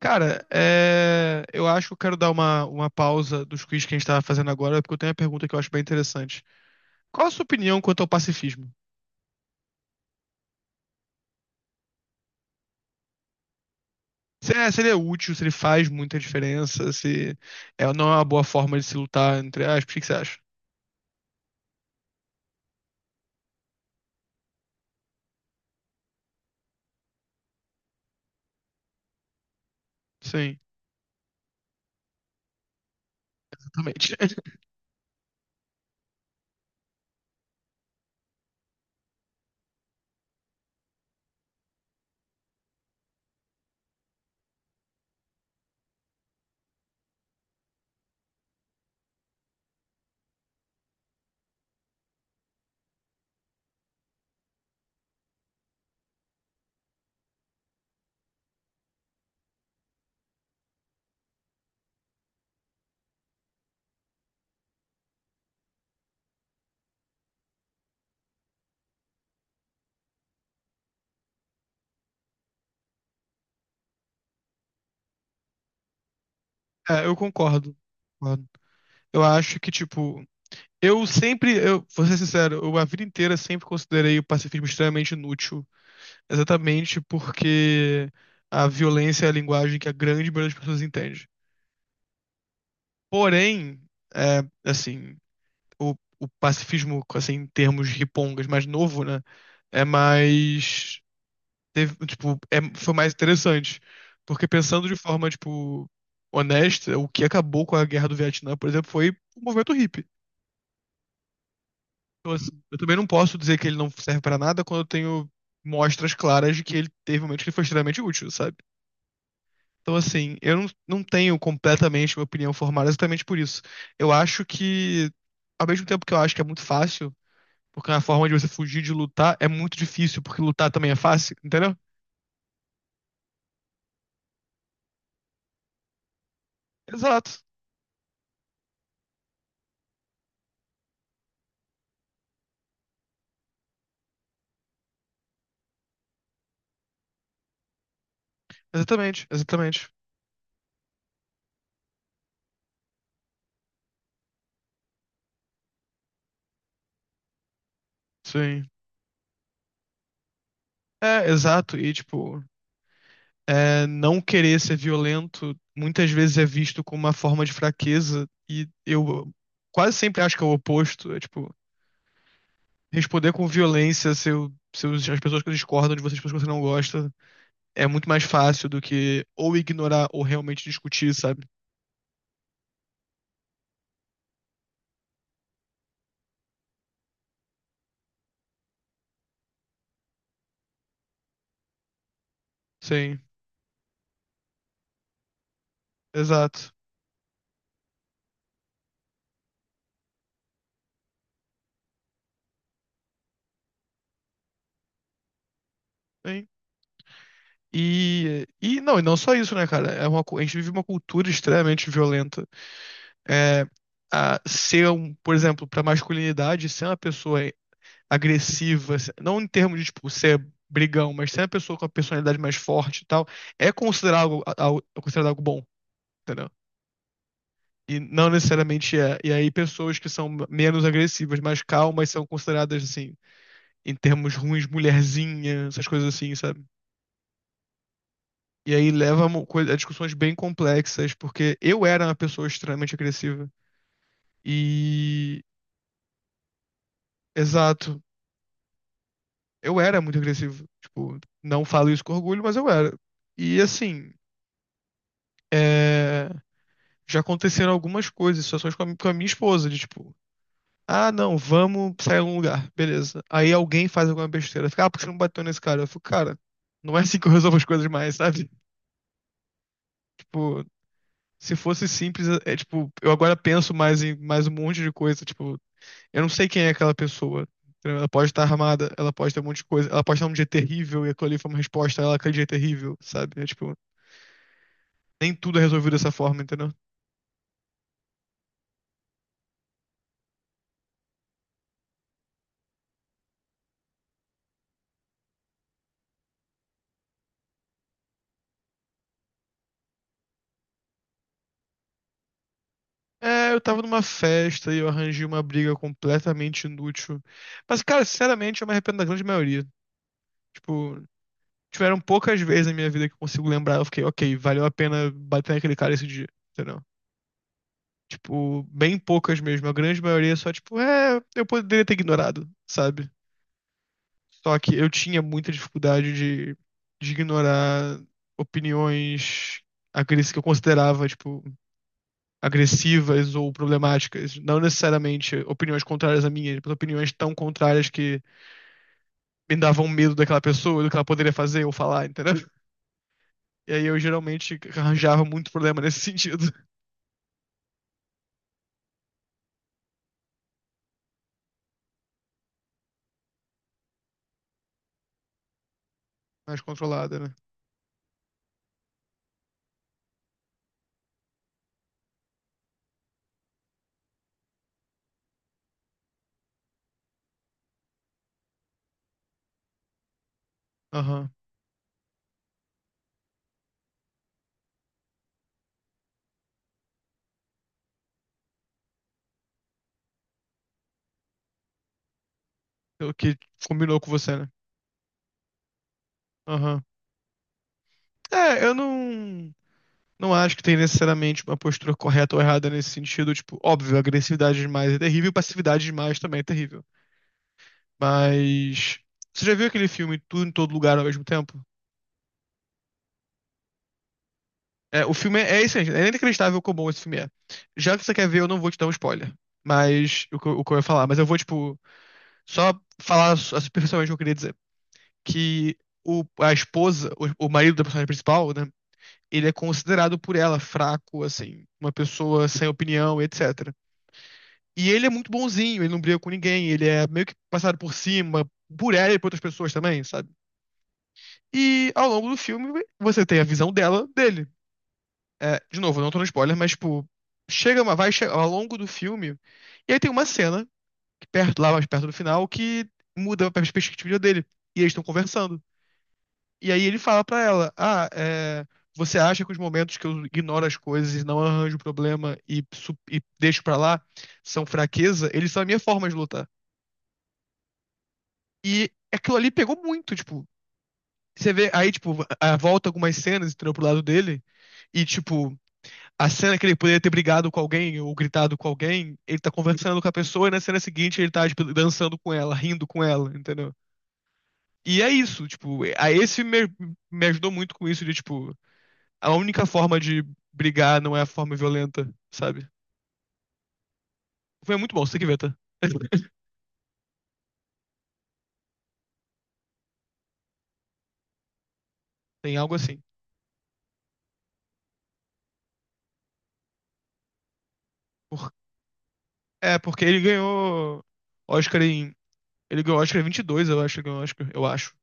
Cara, eu acho que eu quero dar uma pausa dos quiz que a gente estava fazendo agora, porque eu tenho uma pergunta que eu acho bem interessante. Qual a sua opinião quanto ao pacifismo? Se ele é útil, se ele faz muita diferença, se é, não é uma boa forma de se lutar, entre aspas, o que que você acha? Sim, exatamente. É, eu concordo, concordo. Eu acho que, tipo, eu vou ser sincero, eu a vida inteira sempre considerei o pacifismo extremamente inútil, exatamente porque a violência é a linguagem que a grande maioria das pessoas entende. Porém, é, assim, o, o pacifismo, assim, em termos ripongas mais novo, né? É mais. Teve, tipo, foi mais interessante. Porque pensando de forma, tipo, honesta, o que acabou com a guerra do Vietnã, por exemplo, foi o movimento hippie. Então, assim, eu também não posso dizer que ele não serve pra nada quando eu tenho mostras claras de que ele teve momentos que ele foi extremamente útil, sabe? Então, assim, eu não, não tenho completamente uma opinião formada exatamente por isso. Eu acho que, ao mesmo tempo que eu acho que é muito fácil, porque é uma forma de você fugir de lutar, é muito difícil, porque lutar também é fácil, entendeu? Exato. Exatamente, exatamente. Sim. É, exato. E, tipo, não querer ser violento muitas vezes é visto como uma forma de fraqueza, e eu quase sempre acho que é o oposto. É, tipo, responder com violência as pessoas que discordam de você, as pessoas que você não gosta, é muito mais fácil do que ou ignorar ou realmente discutir, sabe? Sim, exato. Sim. E não só isso, né, cara? A gente vive uma cultura extremamente violenta. É, por exemplo, pra masculinidade, ser uma pessoa agressiva, não em termos de tipo, ser brigão, mas ser uma pessoa com a personalidade mais forte e tal, é considerado algo bom, entendeu? E não necessariamente é. E aí, pessoas que são menos agressivas, mais calmas, são consideradas assim em termos ruins, mulherzinha, essas coisas assim, sabe? E aí leva a discussões bem complexas, porque eu era uma pessoa extremamente agressiva. E. Exato. Eu era muito agressivo. Tipo, não falo isso com orgulho, mas eu era. E assim, é, já aconteceram algumas coisas, situações com a minha esposa, de tipo, ah, não, vamos sair a um lugar, beleza. Aí alguém faz alguma besteira, fica, ah, por que você não bateu nesse cara? Eu fico, cara, não é assim que eu resolvo as coisas mais, sabe? Tipo, se fosse simples, é tipo, eu agora penso mais em mais um monte de coisa, tipo, eu não sei quem é aquela pessoa. Entendeu? Ela pode estar armada, ela pode ter um monte de coisa, ela pode estar um dia terrível e aquilo ali foi uma resposta ela aquele dia é terrível, sabe? É tipo, nem tudo é resolvido dessa forma, entendeu? É, eu tava numa festa e eu arranjei uma briga completamente inútil. Mas, cara, sinceramente, eu me arrependo da grande maioria. Tipo, tiveram poucas vezes na minha vida que eu consigo lembrar, eu fiquei, ok, valeu a pena bater naquele cara esse dia, entendeu? Tipo, bem poucas mesmo. A grande maioria só, tipo, é, eu poderia ter ignorado, sabe? Só que eu tinha muita dificuldade de ignorar opiniões agressivas que eu considerava, tipo, agressivas ou problemáticas. Não necessariamente opiniões contrárias à minha, mas opiniões tão contrárias que me davam medo daquela pessoa, do que ela poderia fazer ou falar, entendeu? E aí eu geralmente arranjava muito problema nesse sentido. Mais controlada, né? Aham. O que combinou com você, né? Aham. É, eu não. Não acho que tem necessariamente uma postura correta ou errada nesse sentido. Tipo, óbvio, agressividade demais é terrível, passividade demais também é terrível. Mas. Você já viu aquele filme Tudo em Todo Lugar ao Mesmo Tempo? É, o filme é, é isso, gente. É inacreditável como bom esse filme é. Já que você quer ver, eu não vou te dar um spoiler. Mas. O que eu ia falar. Mas eu vou, tipo, só falar superficialmente o que eu queria dizer. Que o, a esposa, o marido da personagem principal, né? Ele é considerado por ela fraco, assim, uma pessoa sem opinião, etc. E ele é muito bonzinho, ele não briga com ninguém, ele é meio que passado por cima, por ela e por outras pessoas também, sabe? E ao longo do filme, você tem a visão dela, dele. É, de novo, não tô no spoiler, mas, tipo, chega uma, vai che- ao longo do filme, e aí tem uma cena, que perto, lá mais perto do final, que muda a perspectiva dele. E eles estão conversando. E aí ele fala pra ela: ah, você acha que os momentos que eu ignoro as coisas e não arranjo problema e, e deixo pra lá são fraqueza? Eles são a minha forma de lutar. E aquilo ali pegou muito, tipo. Você vê, aí, tipo, volta algumas cenas, entrou pro lado dele, e, tipo, a cena que ele poderia ter brigado com alguém ou gritado com alguém, ele tá conversando com a pessoa e na cena seguinte ele tá, tipo, dançando com ela, rindo com ela, entendeu? E é isso, tipo, me ajudou muito com isso de, tipo, a única forma de brigar não é a forma violenta, sabe? Foi muito bom, você tem que ver, tá? Tem algo assim. Por- porque ele ganhou Oscar em. Ele ganhou Oscar em 22, eu acho, ele ganhou Oscar, eu acho.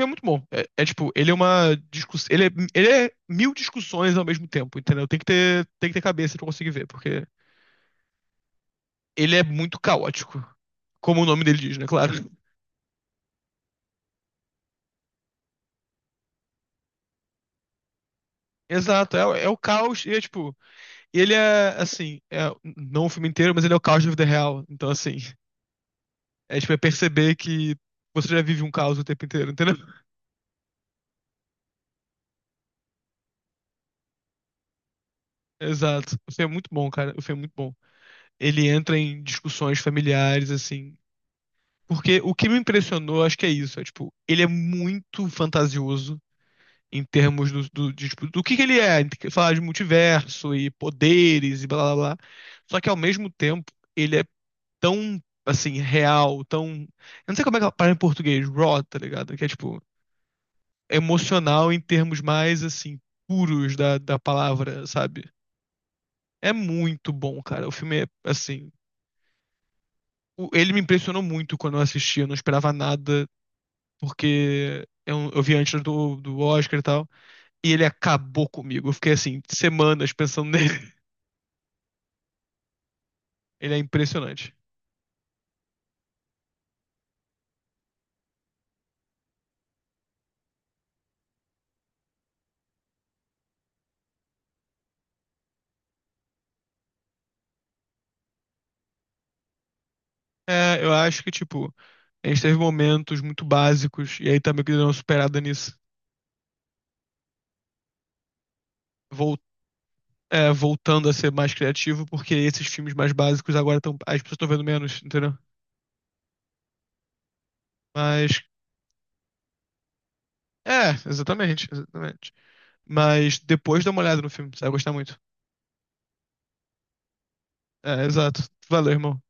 É muito bom. É, é tipo, ele é uma discussão. Ele é mil discussões ao mesmo tempo, entendeu? Tem que ter cabeça pra conseguir ver, porque ele é muito caótico. Como o nome dele diz, né? Claro. Exato, é o caos, e é tipo, ele é assim, não o filme inteiro, mas ele é o caos da vida real. Então, assim, a gente vai perceber que você já vive um caos o tempo inteiro, entendeu? Exato. O filme é muito bom, cara. O filme é muito bom. Ele entra em discussões familiares, assim. Porque o que me impressionou, acho que é isso. É, tipo, ele é muito fantasioso em termos de, tipo, do que ele é. Ele fala de multiverso e poderes e blá blá blá. Só que ao mesmo tempo, ele é tão, assim, real, tão. Eu não sei como é que ela fala em português, raw, tá ligado? Que é tipo, emocional em termos mais, assim, puros da, da palavra, sabe? É muito bom, cara. O filme é, assim, ele me impressionou muito quando eu assisti. Eu não esperava nada, porque eu vi antes do, do Oscar e tal. E ele acabou comigo. Eu fiquei, assim, semanas pensando nele. Ele é impressionante. É, eu acho que, tipo, a gente teve momentos muito básicos. E aí também que deu uma superada nisso. Vol- É, voltando a ser mais criativo, porque esses filmes mais básicos agora estão. As pessoas estão vendo menos, entendeu? Mas. É, exatamente, exatamente. Mas depois dá uma olhada no filme, você vai gostar muito. É, exato. Valeu, irmão.